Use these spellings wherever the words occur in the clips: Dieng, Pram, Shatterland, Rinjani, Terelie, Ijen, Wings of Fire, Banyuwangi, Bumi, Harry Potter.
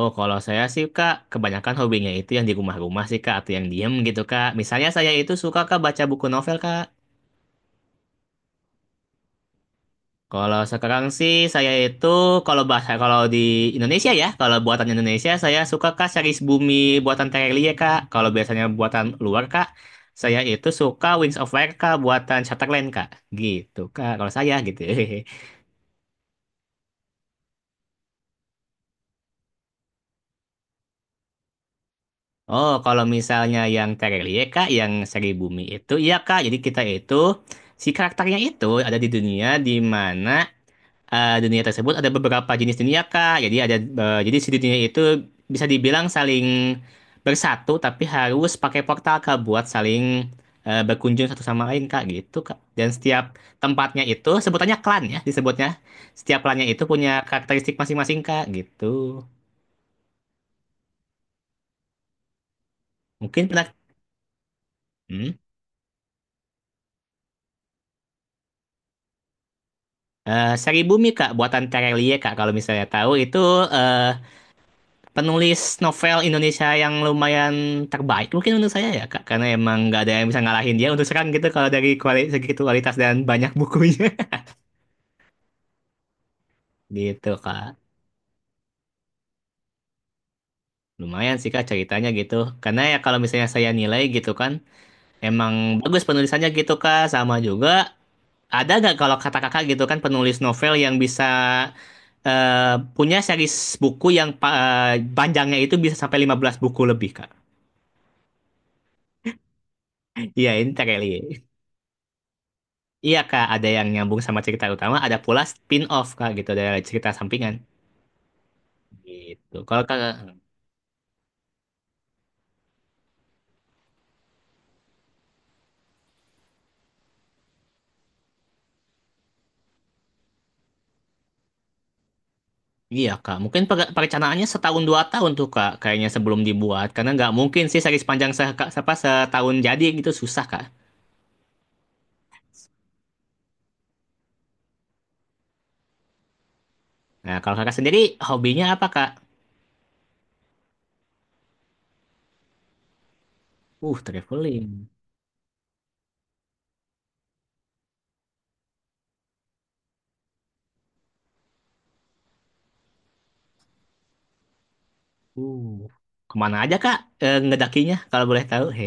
Oh, kalau saya sih, Kak, kebanyakan hobinya itu yang di rumah-rumah sih, Kak, atau yang diem gitu, Kak. Misalnya saya itu suka, Kak, baca buku novel, Kak. Kalau sekarang sih, saya itu, kalau di Indonesia ya, kalau buatan Indonesia, saya suka, Kak, series Bumi buatan Terelie, Kak. Kalau biasanya buatan luar, Kak, saya itu suka Wings of Fire, Kak, buatan Shatterland, Kak. Gitu, Kak, kalau saya gitu. Oh, kalau misalnya yang Terelie, Kak, yang seri bumi itu, iya, Kak. Jadi kita itu, si karakternya itu ada di dunia di mana dunia tersebut ada beberapa jenis dunia, Kak. Jadi si dunia itu bisa dibilang saling bersatu, tapi harus pakai portal, Kak, buat saling berkunjung satu sama lain, Kak, gitu, Kak. Dan setiap tempatnya itu sebutannya klan ya, disebutnya. Setiap klannya itu punya karakteristik masing-masing, Kak, gitu. Mungkin pernah. Hmm? Sari bumi Kak, buatan Terelie Kak kalau misalnya tahu itu eh, penulis novel Indonesia yang lumayan terbaik mungkin menurut saya ya Kak karena emang nggak ada yang bisa ngalahin dia untuk sekarang gitu kalau dari segi kualitas dan banyak bukunya gitu Kak. Lumayan sih Kak ceritanya gitu. Karena ya kalau misalnya saya nilai gitu kan emang bagus penulisannya gitu Kak sama juga ada nggak kalau kata kakak gitu kan penulis novel yang bisa punya series buku yang panjangnya itu bisa sampai 15 buku lebih, Kak? Iya, ini Tereli. Iya, Kak, ada yang nyambung sama cerita utama, ada pula spin-off, Kak, gitu, dari cerita sampingan. Gitu. Kalau Kak, iya, Kak, mungkin perencanaannya setahun dua tahun tuh, Kak, kayaknya sebelum dibuat. Karena nggak mungkin sih series panjang Kak, apa, setahun jadi gitu, susah, Kak. Nah, kalau kakak sendiri, hobinya apa, Kak? Traveling. Uh, kemana aja Kak ngedakinya kalau boleh tahu?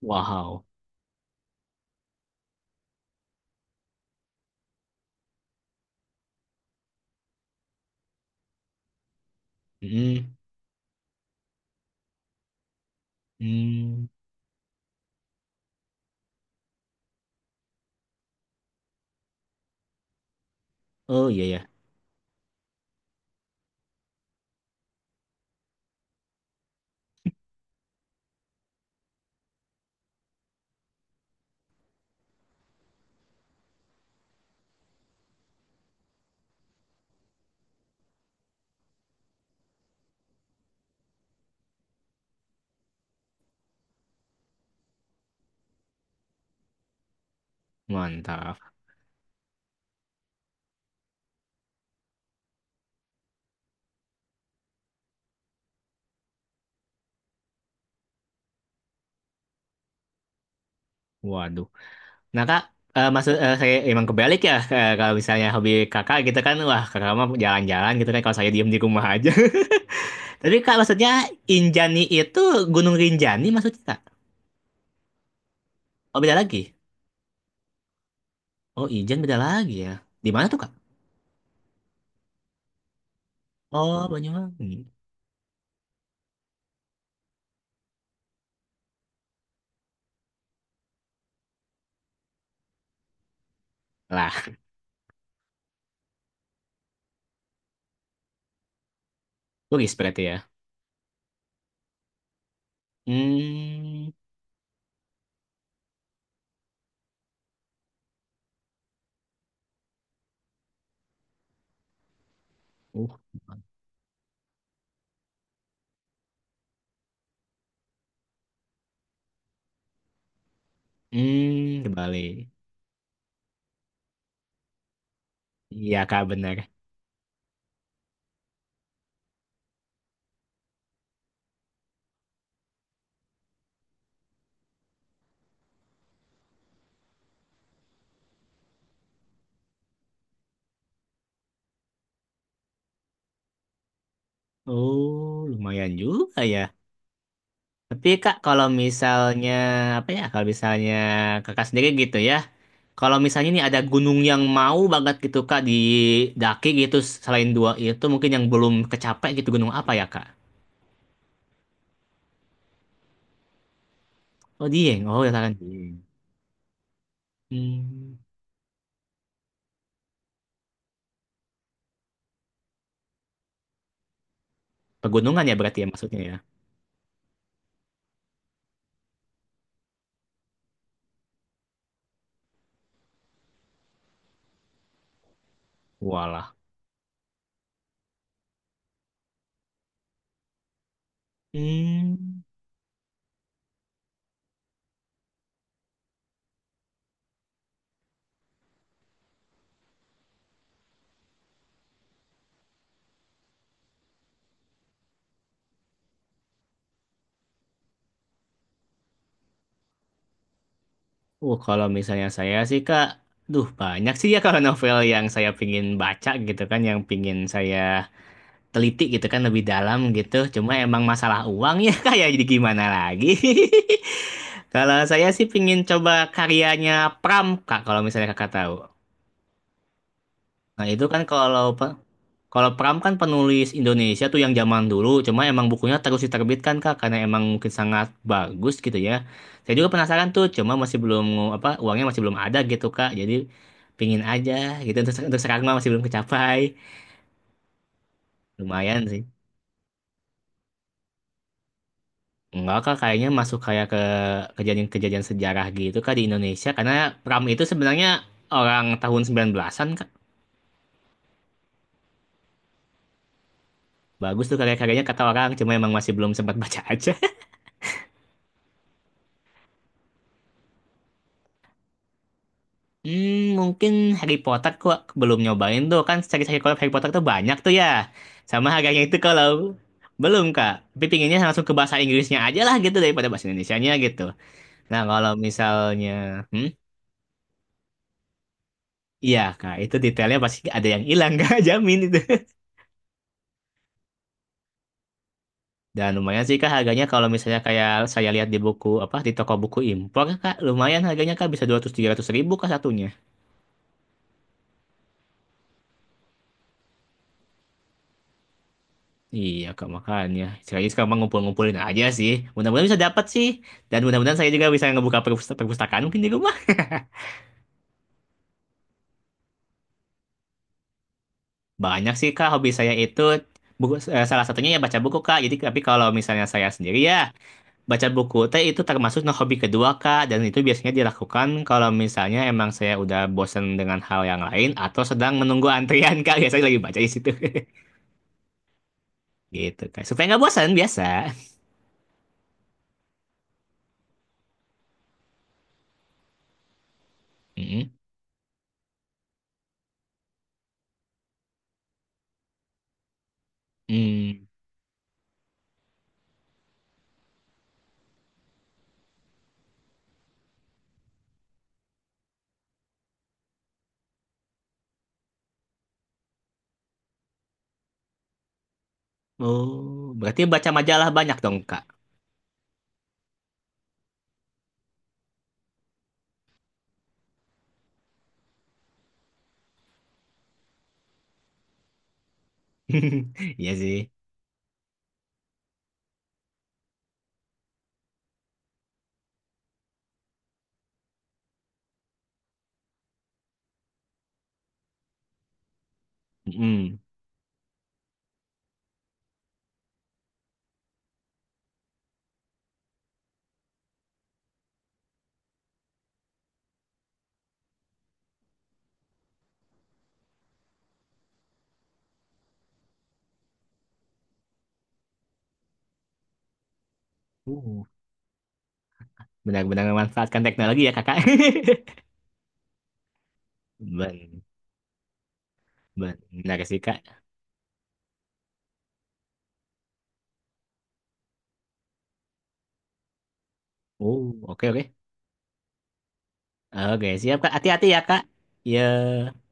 Wow. Mm, mm. Oh iya ya, mantap. Waduh. Nah Kak, saya emang kebalik ya kalau misalnya hobi Kakak gitu kan, wah Kakak mah jalan-jalan gitu kan kalau saya diem di rumah aja. Tapi Kak maksudnya Injani itu Gunung Rinjani maksudnya Kak? Oh beda lagi. Oh Ijen beda lagi ya. Di mana tuh Kak? Oh Banyuwangi. Lah, logis berarti ya. Hmm. Uh. Kebalik. Iya kak bener. Oh lumayan juga ya. Tapi kak kalau misalnya kakak sendiri gitu ya. Kalau misalnya nih ada gunung yang mau banget gitu kak didaki gitu selain dua itu mungkin yang belum kecapek gitu gunung apa ya kak? Oh Dieng. Oh ya kan Dieng. Hmm, pegunungan ya berarti ya maksudnya ya. Walah. Hmm. Kalau misalnya saya sih Kak, duh banyak sih ya kalau novel yang saya pingin baca gitu kan, yang pingin saya teliti gitu kan lebih dalam gitu. Cuma emang masalah uang ya kayak jadi gimana lagi. Kalau saya sih pingin coba karyanya Pram Kak kalau misalnya Kakak tahu. Nah, itu kan kalau Pram kan penulis Indonesia tuh yang zaman dulu, cuma emang bukunya terus diterbitkan Kak karena emang mungkin sangat bagus gitu ya. Saya juga penasaran tuh, cuma masih belum apa uangnya masih belum ada gitu Kak. Jadi pingin aja gitu untuk, sekarang mah masih belum kecapai. Lumayan sih. Enggak kak, kayaknya masuk kayak ke kejadian-kejadian sejarah gitu kak di Indonesia. Karena Pram itu sebenarnya orang tahun 19-an kak. Bagus tuh karya-karyanya kata orang, cuma emang masih belum sempat baca aja. Mungkin Harry Potter kok belum nyobain tuh. Kan cari-cari kolab Harry Potter tuh banyak tuh ya. Sama harganya itu kalau belum kak. Tapi pinginnya langsung ke bahasa Inggrisnya aja lah gitu daripada bahasa Indonesianya gitu. Nah iya kak, itu detailnya pasti ada yang hilang kak, jamin itu. Dan lumayan sih Kak harganya kalau misalnya kayak saya lihat di buku apa di toko buku impor Kak, lumayan harganya Kak bisa 200-300 ribu Kak satunya. Iya Kak makanya. Sekarang sekarang mah ngumpul-ngumpulin aja sih. Mudah-mudahan bisa dapat sih. Dan mudah-mudahan saya juga bisa ngebuka perpustakaan mungkin di rumah. Banyak sih Kak hobi saya itu salah satunya ya baca buku Kak. Jadi tapi kalau misalnya saya sendiri ya baca buku teh itu termasuk nah, hobi kedua Kak dan itu biasanya dilakukan kalau misalnya emang saya udah bosen dengan hal yang lain atau sedang menunggu antrian Kak biasanya lagi baca di situ gitu Kak supaya nggak bosan biasa. Mm-mm. Mm. Oh berarti baca majalah banyak dong Kak. Iya sih. Mm. Uh, benar-benar memanfaatkan teknologi ya Kakak. ben ben, benar sih Kak. Oh oke oke oke siap Kak hati-hati ya Kak ya.